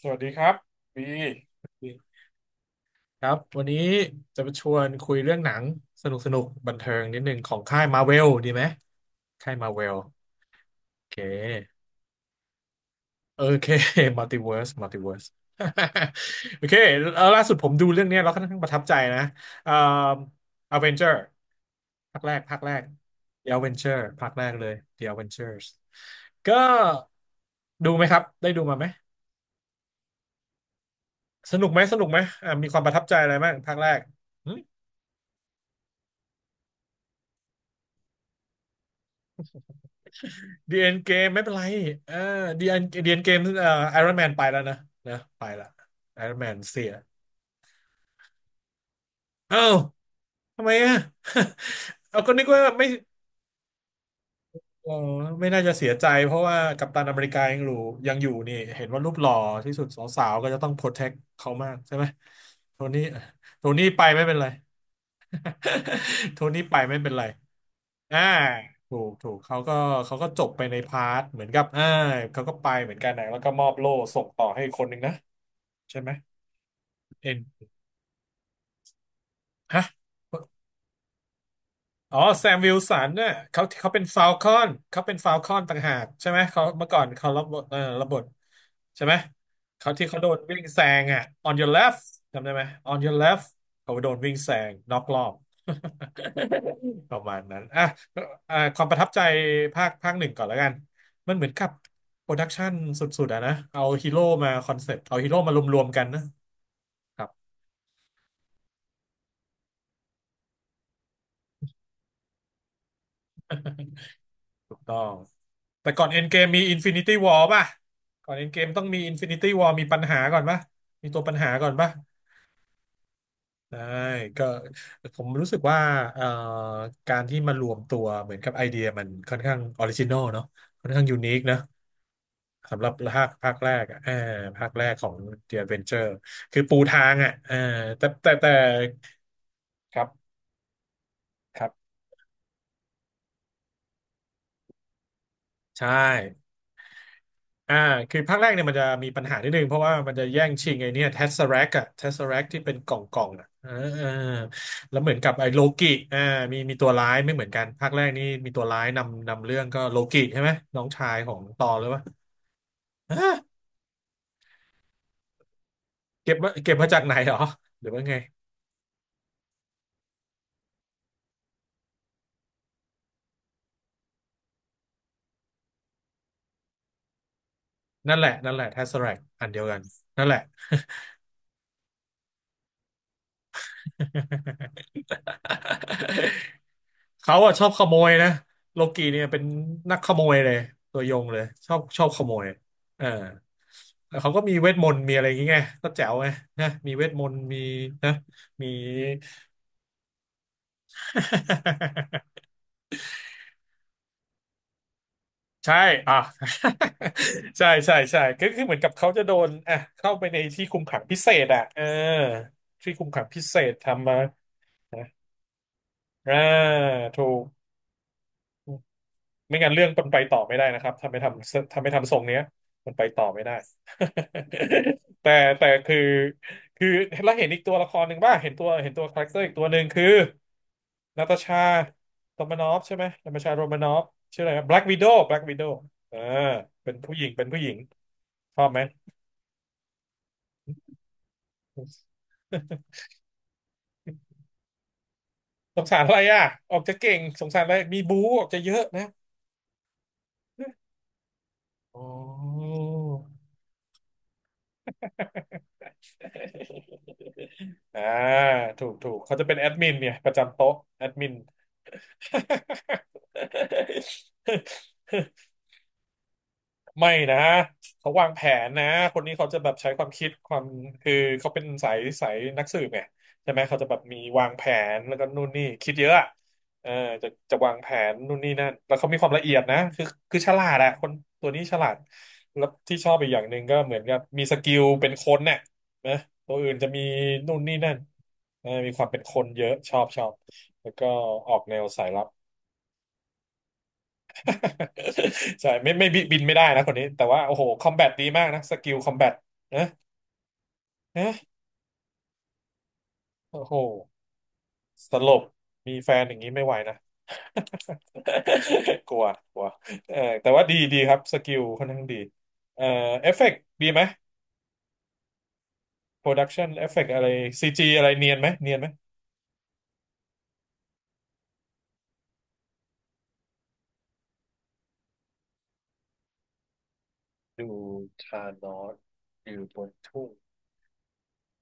สวัสดีครับบีครับวันนี้จะมาชวนคุยเรื่องหนังสนุกสนุกบันเทิงนิดหนึ่งของค่ายมาเวลดีไหมค่ายมาเวลโอเคโอเค มัลติเวิร์สมัลติเวิร์ส โอเคแล้วล่าสุดผมดูเรื่องเนี้ยแล้วค่อนข้างประทับใจนะเอ่ออเวนเจอร์ภาคแรกภาคแรก The a v e n g e r ภาคแรกเลย The a v e n g e r s ก็ดูไหมครับได้ดูมาไหมสนุกไหมสนุกไหมมีความประทับใจอะไรบ้างภาคแรก ดีเอ็นเกมไม่เป็นไรเออดีเอ็นดีเอ็นเกมไอรอนแมนไปแล้วนะนะไปละไอรอนแมนเสียอ้าวทำไมอ่ะ เอาก็นึกว่าไม่เออไม่น่าจะเสียใจเพราะว่ากัปตันอเมริกายังอยู่ยังอยู่นี่เห็นว่ารูปหล่อที่สุดสาวๆก็จะต้องโปรเทคเขามากใช่ไหมโทนี่ โทนี่ไปไม่เป็นไร โทนี่ไปไม่เป็นไรอ่าถูกถูกเขาก็เขาก็จบไปในพาร์ทเหมือนกับเขาก็ไปเหมือนกันนะแล้วก็มอบโล่ส่งต่อให้อีกคนหนึ่งนะ ใช่ไหมเอ็นฮะอ๋อแซมวิลสันเนี่ยเขาเป็นฟ a ลคอนเขาเป็นฟ a ลคอนต่างหากใช่ไหมเขาเมื่อก่อนเขารับบทเออรับบทใช่ไหมเขาที่เขาโดนวิ่งแซงอ่ะ on your left จำได้ไหม on your left เขาโดนวิ่งแซงน็อกรอบ ประมาณนั้นอ่ะอ่ะความประทับใจภาคภาคหนึ่งก่อนแล้วกันมันเหมือนกับโปรดักชันสุดๆอะนะเอาฮีโร่มาคอนเซ็ปต์เอาฮีโร่มารวมๆกันนะครับ ถูกต้องแต่ก่อนเอ็นเกมมีอินฟินิตี้วอป่ะก่อนเอ็นเกมต้องมีอินฟินิตี้วอมีปัญหาก่อนป่ะมีตัวปัญหาก่อนป่ะได้ก็ผมรู้สึกว่าเอ่อการที่มารวมตัวเหมือนกับไอเดียมันค่อนข้างออริจินอลเนาะค่อนข้างยูนิคนะสำหรับภาคภาคแรกอ่ะเออภาคแรกของ The Adventure คือปูทางอ่ะเออแต่ครับครับใช่ อ่าคือภาคแรกเนี่ยมันจะมีปัญหานิดนึงเพราะว่ามันจะแย่งชิงไอ้เนี่ยเทสเซอแร็กอะเทสเซอแร็กที่เป็นกล่องกล่องอะเออเออแล้วเหมือนกับไอ้โลกิอ่ามีตัวร้ายไม่เหมือนกันภาคแรกนี่มีตัวร้ายนำนำเรื่องก็โลกิใช่ไหมน้องชายของตอหรือเป่าฮะเก็บมาเก็บมาจากไหนเหรอหรือว่าไงนั่นแหละนั่นแหละเทสเซอแร็กอันเดียวกันนั่นแหละ เขาอะชอบขโมยนะโลกีเนี่ยเป็นนักขโมยเลยตัวยงเลยชอบชอบขโมยเออแล้วเขาก็มีเวทมนต์มีอะไรอย่างเงี้ยก็แจ๋วไงนะมีเวทมนต์มีนะมี ใช่อ่ะ ใช่ใช่ใช่ก็คือเหมือนกับเขาจะโดนอ่ะเข้าไปในที่คุมขังพิเศษอ่ะเออที่คุมขังพิเศษทำมานะอ่าถูก ไม่งั้นเรื่องมันไปต่อไม่ได้นะครับถ้าไม่ทำถ้าไม่ทำทรงเนี้ยมันไปต่อไม่ได้ แต่แต่คือแล้วเห็นอีกตัวละครหนึ่งป่ะเห็นตัวเห็นตัวคาแรคเตอร์อีกตัวหนึ่งคือนาตาชาโรมานอฟใช่ไหมนาตาชาโรมานอฟชื่ออะไรแบล็กวิโดว์แบล็กวิโดว์เออเป็นผู้หญิงเป็นผู้หญิงชอบไหม สงสารอะไรอ่ะออกจะเก่งสงสารอะไรมีบูออกจะเยอะนะโอ อ่าถูกถูกเขาจะเป็นแอดมินเนี่ยประจำโต๊ะแอดมิน ไม่นะเขาวางแผนนะคนนี้เขาจะแบบใช้ความคิดความคือเขาเป็นสายสายนักสืบไงใช่ไหมเขาจะแบบมีวางแผนแล้วก็นู่นนี่คิดเยอะอะเออจะวางแผนนู่นนี่นั่นแล้วเขามีความละเอียดนะคือฉลาดอะคนตัวนี้ฉลาดแล้วที่ชอบอีกอย่างหนึ่งก็เหมือนกับมีสกิลเป็นคนเนี่ยนะตัวอื่นจะมีนู่นนี่นั่นเออมีความเป็นคนเยอะชอบชอบแล้วก็ออกแนวสายลับ ใช่ไม่ไม่บิบินไม่ได้นะคนนี้แต่ว่าโอ้โหคอมแบทดีมากนะสกิลคอมแบทนะนะโอ้โหสลบมีแฟนอย่างนี้ไม่ไหวนะ กลัวกลัวเออแต่ว่าดีดีครับสกิลค่อนข้างดีเอ่อเอฟเฟกต์ดีไหมโปรดักชันเอฟเฟกต์อะไรซีจีอะไรเนียนไหมเนียนไหม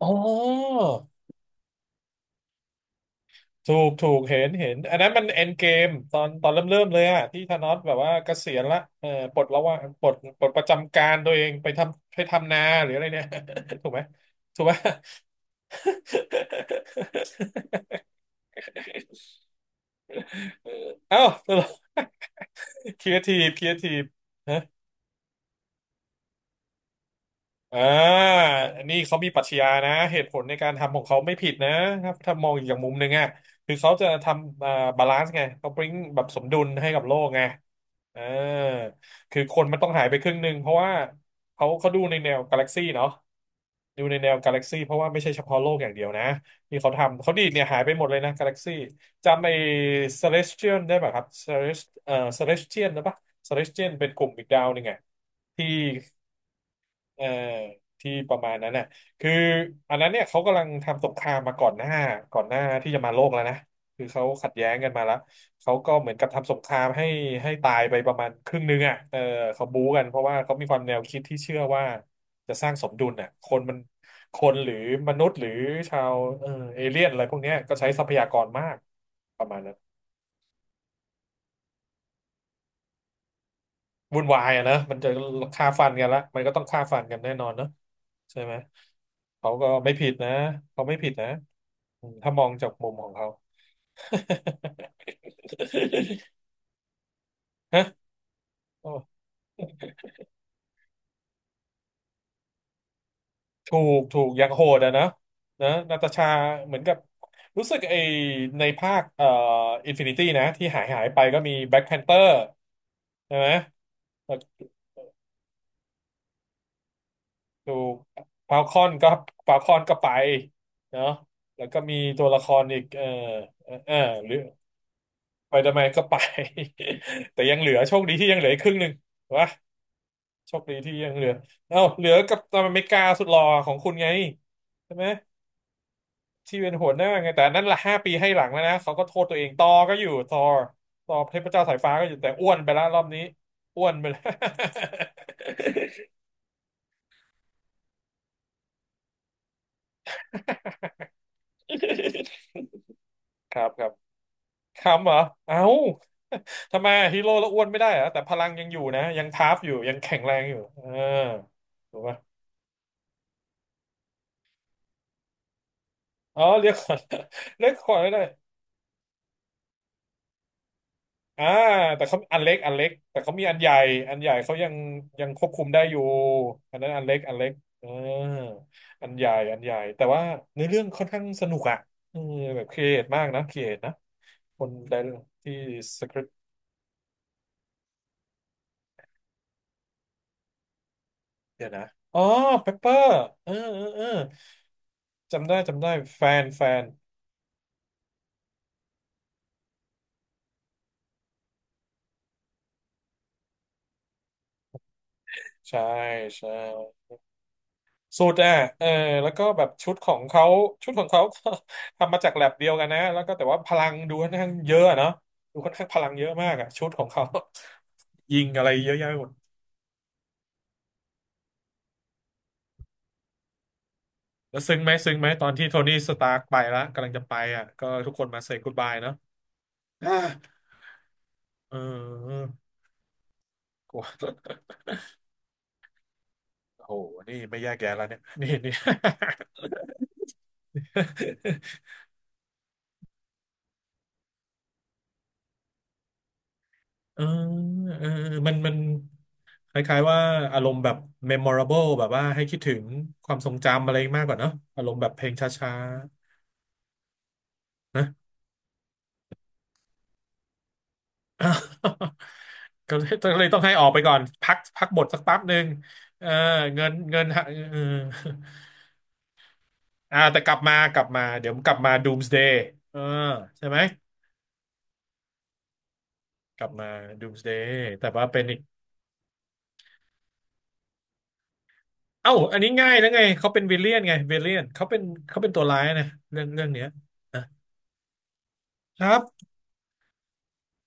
อ๋อ ถูกถูกเห็นเห็นอันนั้นมันเอ็นเกมตอนตอนเริ่มเริ่มเลยอะที่ธานอสแบบว่าเกษียณละเออปลดแล้วว่าปลดปลดประจำการตัวเองไปทำไปทำนาหรืออะไรเนี่ย ถูกไหมถูกไหม เอ้า ครีเอทีฟครีเอ ทีฟ อ่าอันนี้เขามีปรัชญานะเหตุผลในการทำของเขาไม่ผิดนะครับถ้ามองอีกอย่างมุมหนึ่งอ่ะคือเขาจะทำบาลานซ์ไงเขาบริงแบบสมดุลให้กับโลกไงเออคือคนมันต้องหายไปครึ่งหนึ่งเพราะว่าเขาดูในแนวกาแล็กซี่เนาะดูในแนวกาแล็กซี่เพราะว่าไม่ใช่เฉพาะโลกอย่างเดียวนะที่เขาทำเขาดีดเนี่ยหายไปหมดเลยนะกาแล็กซี่จำไอ้ Celestial ได้ป่ะครับ Celestial นะปะ Celestial เป็นกลุ่มอีกดาวหนึ่งไงที่ เออที่ประมาณนั้นน่ะคืออันนั้นเนี่ยเขากำลังทำสงครามมาก่อนหน้าที่จะมาโลกแล้วนะคือเขาขัดแย้งกันมาแล้วเขาก็เหมือนกับทำสงครามให้ให้ตายไปประมาณครึ่งนึงอ่ะเออเขาบู๊กันเพราะว่าเขามีความแนวคิดที่เชื่อว่าจะสร้างสมดุลน่ะคนมันคนหรือมนุษย์หรือชาวเออเอเลี่ยนอะไรพวกเนี้ยก็ใช้ทรัพยากรมากประมาณนั้นวุ่นวายอะนะมันจะฆ่าฟันกันละมันก็ต้องฆ่าฟันกันแน่นอนเนอะใช่ไหมเขาก็ไม่ผิดนะเขาไม่ผิดนะ ถ้ามองจากมุมของเขา ฮะโอ้ถูกถูกอย่างโหดอะนะนะนาตาชาเหมือนกับ รู้สึกไอในภาคอินฟินิตี้นะ ที่หายไปก็มีแบล็ c แพนเตอร์ใช่ไหมแล้วถูกฟาคอนก็ฟาคอนก็ไปเนาะแล้วก็มีตัวละครอีกเออเออเออหรือไปดแมนก็ไป แต่ยังเหลือโชคดีที่ยังเหลืออีกครึ่งหนึ่งวะ โชคดีที่ยังเหลือเอ้าเหลือกับตอนอเมริกาสุดหล่อของคุณไงใช่ไหมที่เป็นหัวหน้าไงแต่นั่นละ5 ปีให้หลังแล้วนะเขาก็โทษตัวเองต่อก็อยู่ต่อต่อเทพเจ้าสายฟ้าก็อยู่แต่อ้วนไปแล้วรอบนี้อ้วนไปแล้ว ครับครับคำเหรอเอ้าทำไมฮีโร่แล้วอ้วนไม่ได้เหรอแต่พลังยังอยู่นะยังทาร์ฟอยู่ยังแข็งแรงอยู่เออถูกปะอ๋อเรียกขวัญ เรียกขวัญไม่ได้ อ่าแต่เขาอันเล็กอันเล็กแต่เขามีอันใหญ่อันใหญ่เขายังยังควบคุมได้อยู่อันนั้นอันเล็กอันเล็กเอออันใหญ่อันใหญ่แต่ว่าเนื้อเรื่องค่อนข้างสนุกอ่ะเออแบบครีเอทมากนะครีเอทนะคนได้ที่สคริปต์เดี๋ยวนะอ๋อเปปเปอร์เออเออเออจำได้จำได้แฟนแฟนใช่ใช่ สูตรอ่ะเออแล้วก็แบบชุดของเขา ชุดของเขาก็ ทำมาจากแลบเดียวกันนะแล้วก็แต่ว่าพลังดูค่อนข้างเยอะอะเนาะดูค่อนข้างพลังเยอะมากอ่ะชุดของเขา ยิงอะไรเยอะแยะหมดแล้วซึ้งไหมซึ้งไหมตอนที่โทนี่สตาร์กไปแล้วกำลังจะไปอ่ะก็ทุกคนมาเซ y g ก o d บายเนาะ อ่าเออกลัว โอ้โห นี่ไม่แยกแยะแล้วเนี่ยนี่ นี่ เออเออมันคล้ายๆว่าอารมณ์แบบ memorable แบบว่าให้คิดถึงความทรงจำอะไรมากกว่าเนอะอารมณ์แบบเพลงช้าๆนะ ก็เลยต้องให้ออกไปก่อนพักพักบทสักแป๊บหนึ่งเออเงินเงินฮะอ่าแต่กลับมาเดี๋ยวกลับมา Doomsday เออใช่ไหมกลับมา Doomsday แต่ว่าเป็นอีกเอ้าอันนี้ง่ายแล้วไงเขาเป็นวิลเลียนไงวิลเลียนเขาเป็นตัวร้ายนะเรื่องเนี้ยนะครับ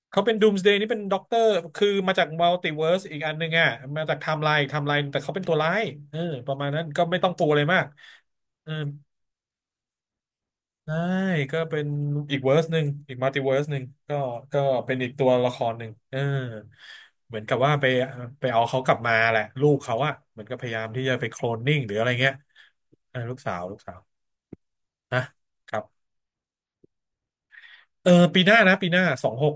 เขาเป็น Doomsday นี่เป็นด็อกเตอร์คือมาจากมัลติเวิร์สอีกอันหนึ่งอ่ะมาจากไทม์ไลน์แต่เขาเป็นตัวร้ายเออประมาณนั้นก็ไม่ต้องปูอะไรมากเออใช่ก็เป็นอีกเวิร์สหนึ่งอีกมัลติเวิร์สหนึ่งก็ก็เป็นอีกตัวละครหนึ่งเออเหมือนกับว่าไปไปเอาเขากลับมาแหละลูกเขาอะเหมือนก็พยายามที่จะไปโคลนนิ่งหรืออะไรเงี้ยเออลูกสาวลูกสาวนะครับเออปีหน้านะปีหน้าสองหก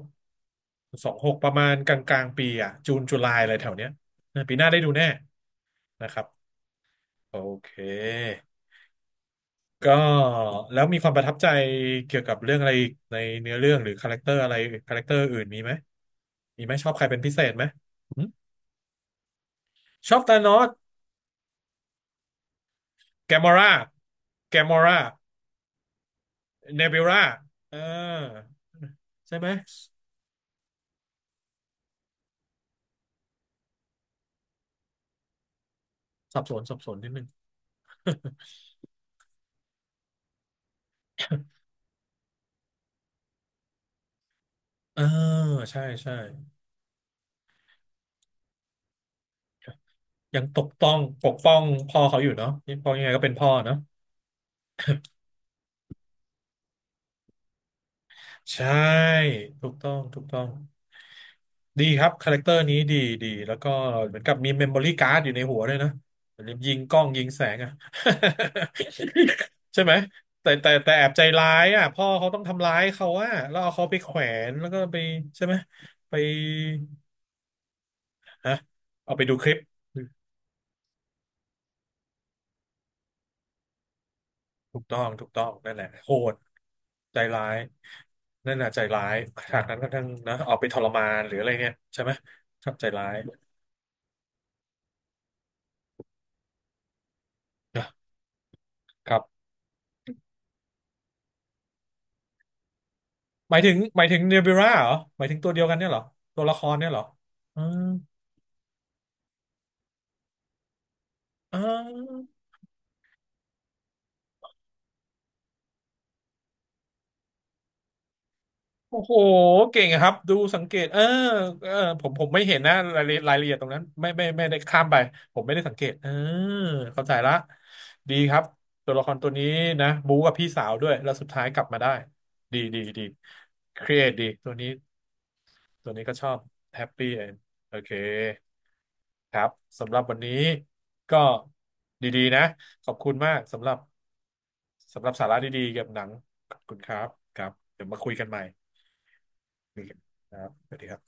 สองหกประมาณกลางกลางปีอ่ะจูนจุลายอะไรแถวเนี้ยเออปีหน้าได้ดูแน่ นะครับโอเคก็แล้วมีความประทับใจเกี่ยวกับเรื่องอะไรในเนื้อเรื่องหรือคาแรคเตอร์อะไรคาแรคเตอร์อื่นมีไหมมีไหมชอบใครเป็นพิเศษไหมหึชอบธานอสแกมอราแกมอราเนบิวราเออใช่ไหมสับสนนิดนึง เออใช่ใช่ยังปกป้องพ่อเขาอยู่เนาะนี่พ่อยังไงก็เป็นพ่อเนาะใช่ถูกต้องถูกต้อง ดีครับคาแรคเตอร์นี้ดีดีแล้วก็เหมือนกับมีเมมโมรี่การ์ดอยู่ในหัวด้วยนะเหมือนยิงกล้องยิงแสงอะ ใช่ไหมแต่แอบใจร้ายอ่ะพ่อเขาต้องทำร้ายเขาอ่ะแล้วเอาเขาไปแขวนแล้วก็ไปใช่ไหมไปฮะเอาไปดูคลิปถูกต้องถูกต้องนั่นแหละโหดใจร้ายนั่นน่ะใจร้ายฉากนั้นก็ทั้งนะเอาไปทรมานหรืออะไรเนี่ยใช่ไหมครับใจร้ายนะครับ หมายถึงหมายถึงเนบิวราเหรอหมายถึงตัวเดียวกันเนี่ยเหรอตัวละครเนี่ยเหรออืมอ่าโอ้โหเก่งอะครับดูสังเกตเออเออผมผมไม่เห็นนะรายละเอียดรายละเอียดตรงนั้นไม่ได้ข้ามไปผมไม่ได้สังเกตเออเข้าใจละดีครับตัวละครตัวนี้นะบู๊กับพี่สาวด้วยแล้วสุดท้ายกลับมาได้ดีดีดีครีเอทดีตัวนี้ตัวนี้ก็ชอบแฮปปี้เอนโอเค ครับสำหรับวันนี้ก็ดีๆนะขอบคุณมากสำหรับสำหรับสาระดีๆเกี่ยวกับหนังขอบคุณครับครับเดี๋ยวมาคุยกันใหม่คยกันครับสวัสดีครับ